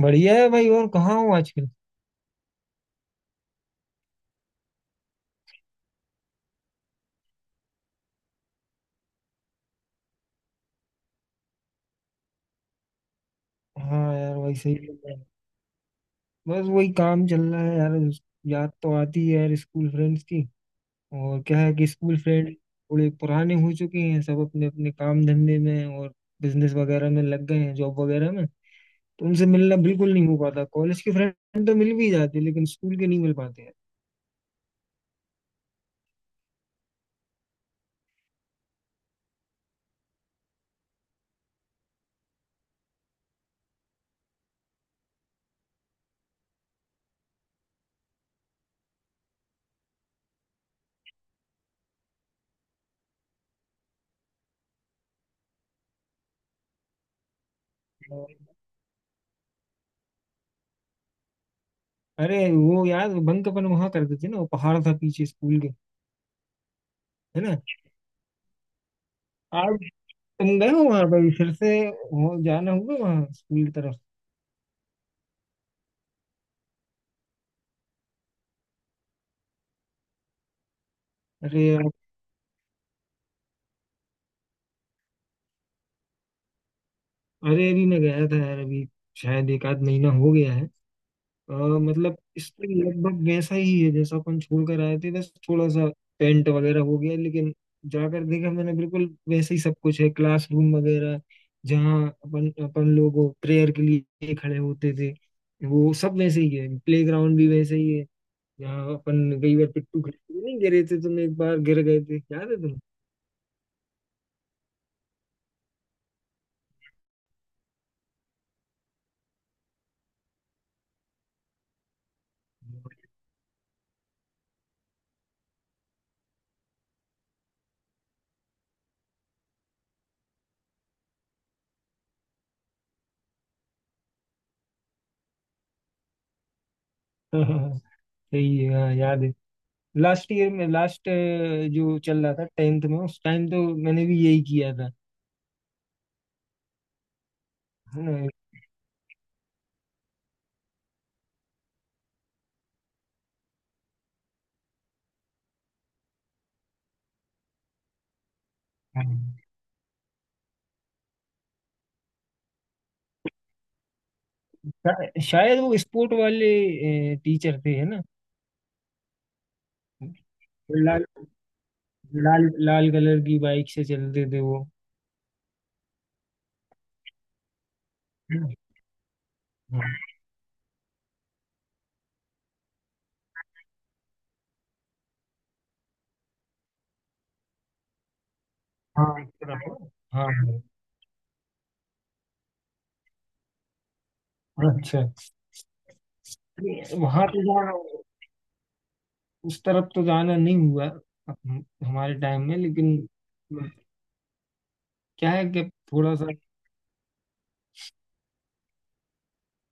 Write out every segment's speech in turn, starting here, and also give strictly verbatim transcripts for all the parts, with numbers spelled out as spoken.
बढ़िया है भाई। और कहाँ हो आजकल? हाँ यार भाई, सही है, चल रहा है। बस वही काम चल रहा है यार। उस- याद तो आती है यार, स्कूल फ्रेंड्स की। और क्या है कि स्कूल फ्रेंड थोड़े पुराने हो चुके हैं, सब अपने अपने काम धंधे में और बिजनेस वगैरह में लग गए हैं, जॉब वगैरह में। तो उनसे मिलना बिल्कुल नहीं हो पाता। कॉलेज के फ्रेंड तो मिल भी जाते, लेकिन स्कूल के नहीं मिल पाते यार। अरे वो यार, बंक अपन वहां करते थे ना, वो पहाड़ था पीछे स्कूल के, है ना? आज तुम गए हो वहां पर फिर से? हो जाना होगा वहां स्कूल की तरफ। अरे यार। अरे अभी मैं गया था यार, अभी शायद एक आध महीना हो गया है। अ, मतलब स्कूल लगभग वैसा ही है जैसा अपन छोड़ कर आए थे, बस थोड़ा सा पेंट वगैरह हो गया। लेकिन जाकर देखा मैंने, बिल्कुल वैसे ही सब कुछ है, क्लासरूम वगैरह, जहाँ अपन अपन लोग प्रेयर के लिए खड़े होते थे, वो सब वैसे ही है। प्ले ग्राउंड भी वैसे ही है, जहाँ अपन कई बार पिट्टू खेलते नहीं गिरे थे, तुम एक बार गिर गए थे, याद है? तुम सही है, हाँ याद है। लास्ट ईयर में, लास्ट जो चल रहा था टेंथ में, उस टाइम तो मैंने भी यही किया था, है ना? शा- शायद वो स्पोर्ट वाले टीचर थे, है ना? लाल लाल लाल कलर की बाइक से चलते थे वो। हाँ, हाँ, इस तरफ। हाँ। अच्छा, वहां तो जाना, उस तरफ तो जाना नहीं हुआ हम- हमारे टाइम में। लेकिन क्या है कि थोड़ा सा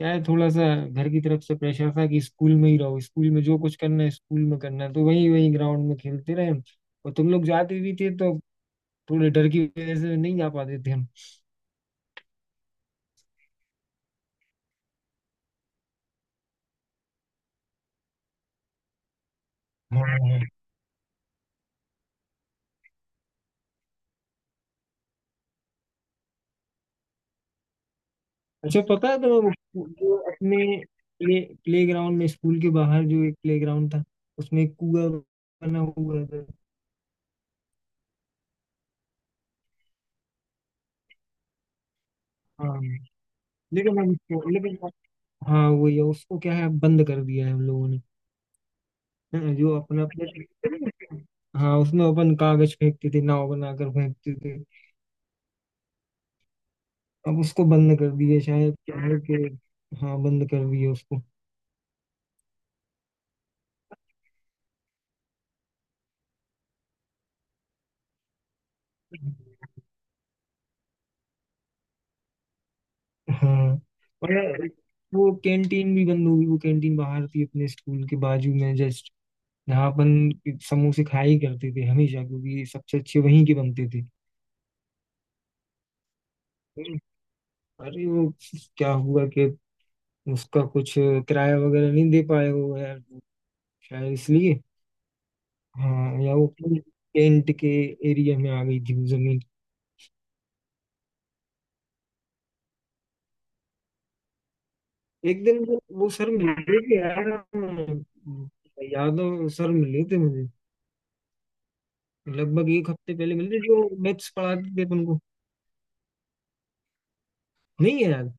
यार, थोड़ा सा घर की तरफ से प्रेशर था कि स्कूल में ही रहो, स्कूल में जो कुछ करना है स्कूल में करना है, तो वही वही ग्राउंड में खेलते रहे हम। और तुम लोग जाते भी थे तो थोड़े डर की वजह से नहीं जा पाते थे हम। हाँ। अच्छा, पता है तो जो अपने प्ले प्ले ग्राउंड में, स्कूल के बाहर जो एक प्ले ग्राउंड था, उसमें एक कुआ बना हुआ था। हाँ, लेकिन हम उसको, लेकिन हाँ, वही है। उसको क्या है, बंद कर दिया है हम लोगों ने। हम्म, जो अपना अपने, हाँ उसमें अपन कागज फेंकते थे, नाव बनाकर फेंकते थे। अब उसको बंद कर दिए शायद, क्या है कि, हाँ बंद कर दिए उसको। हाँ। और वो कैंटीन भी बंद हो गई। वो कैंटीन बाहर थी अपने स्कूल के बाजू में, जस्ट जहाँ अपन समोसे खाया ही करते थे हमेशा, क्योंकि सबसे अच्छे वहीं के बनते थे। अरे वो, क्या हुआ कि उसका कुछ किराया वगैरह नहीं दे पाए वो यार, शायद इसलिए। हाँ, या वो पूरी टेंट के एरिया में आ गई थी वो जमीन। एक दिन वो, वो सर मिले थे यार। अम, यादव सर मिले थे मुझे, लगभग एक हफ्ते पहले मिले थे, जो मैथ्स पढ़ाते थे अपन को। नहीं है याद?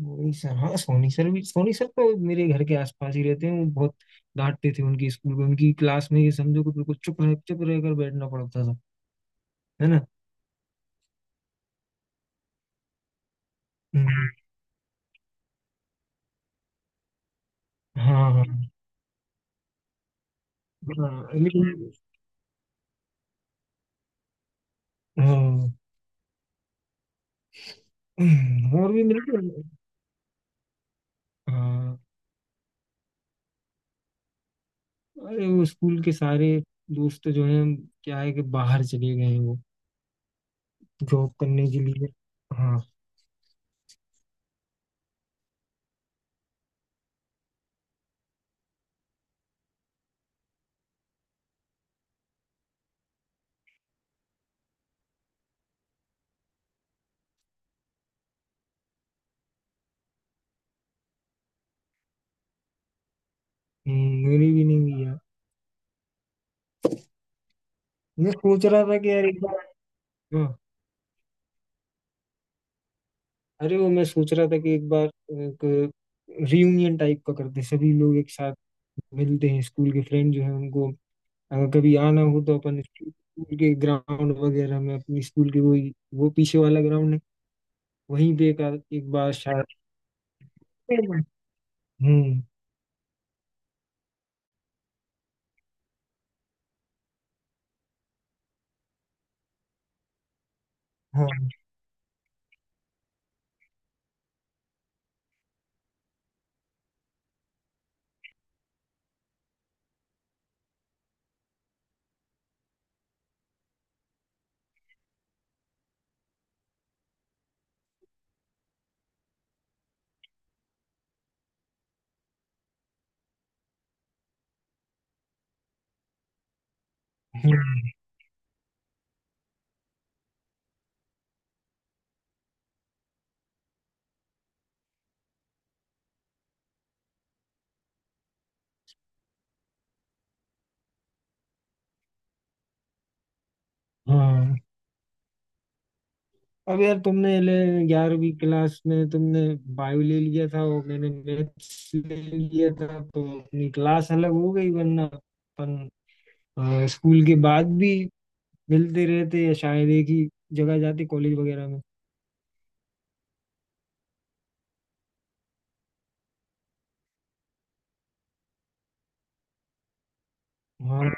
वही सर, हाँ, सोनी सर भी। सोनी सर तो मेरे घर के आसपास ही रहते हैं। वो बहुत डांटते थे। उनके स्कूल में, उनकी क्लास में ये समझो कि बिल्कुल चुप रह चुप रहकर बैठना पड़ता था, है ना? हम्म, हाँ हाँ हाँ, लेकिन। हाँ, हम्म, और भी मिलते हैं। हाँ, अरे वो स्कूल के सारे दोस्त तो जो हैं, क्या है कि बाहर चले गए हैं वो, जॉब करने के लिए। हाँ। हम्म, मेरी भी नहीं हुई यार। मैं सोच रहा था कि यार एक बार, हाँ, अरे वो मैं सोच रहा था कि एक बार एक रियूनियन टाइप का करते हैं। सभी लोग एक साथ मिलते हैं, स्कूल के फ्रेंड जो है उनको, अगर कभी आना हो तो अपन स्कूल के ग्राउंड वगैरह में, अपनी स्कूल के वही, वो पीछे वाला ग्राउंड है, वहीं पे एक, एक बार शायद। हम्म। हाँ हाँ हाँ। अब यार, तुमने ले, ग्यारहवीं क्लास में तुमने बायो ले लिया था और मैंने मैथ्स ले लिया था, तो अपनी क्लास अलग हो गई, वरना अपन अ, स्कूल के बाद भी मिलते रहते, या शायद एक ही जगह जाते, कॉलेज वगैरह में। हाँ।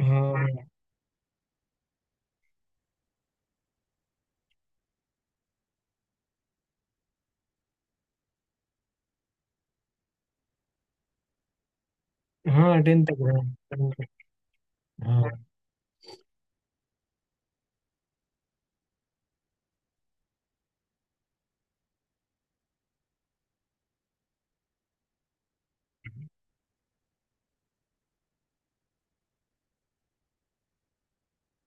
हाँ। हाँ टेंथ तक रहा, tenth तक, हाँ।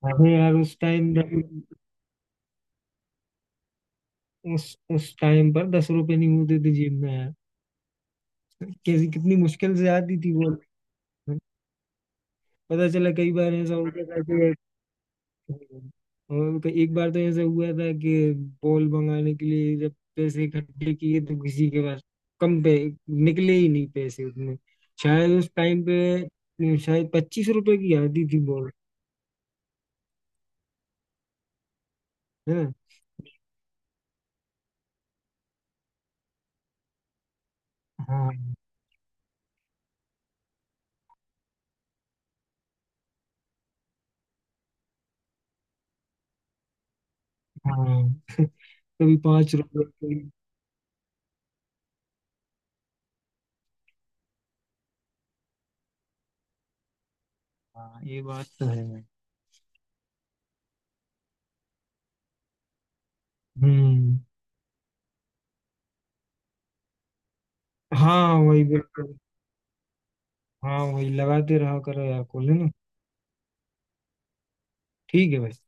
अरे यार उस टाइम, उस उस टाइम पर दस रुपए नहीं होते थे जेब में यार। कैसी कितनी मुश्किल से आती थी वो। पता चला, कई बार ऐसा होता था कि, और तो एक बार तो ऐसा हुआ था कि बॉल मंगाने के लिए जब पैसे इकट्ठे किए तो किसी के पास कम पे निकले ही नहीं पैसे उतने। शायद उस टाइम पे, शायद पच्चीस रुपए की आती थी बॉल, है ना? हाँ हाँ, कभी पांच रुपए, कभी- हाँ ये बात तो है। हम्म। हाँ वही, बिल्कुल। हाँ वही लगाते रहा करो यार कॉल, है ना? ठीक है भाई।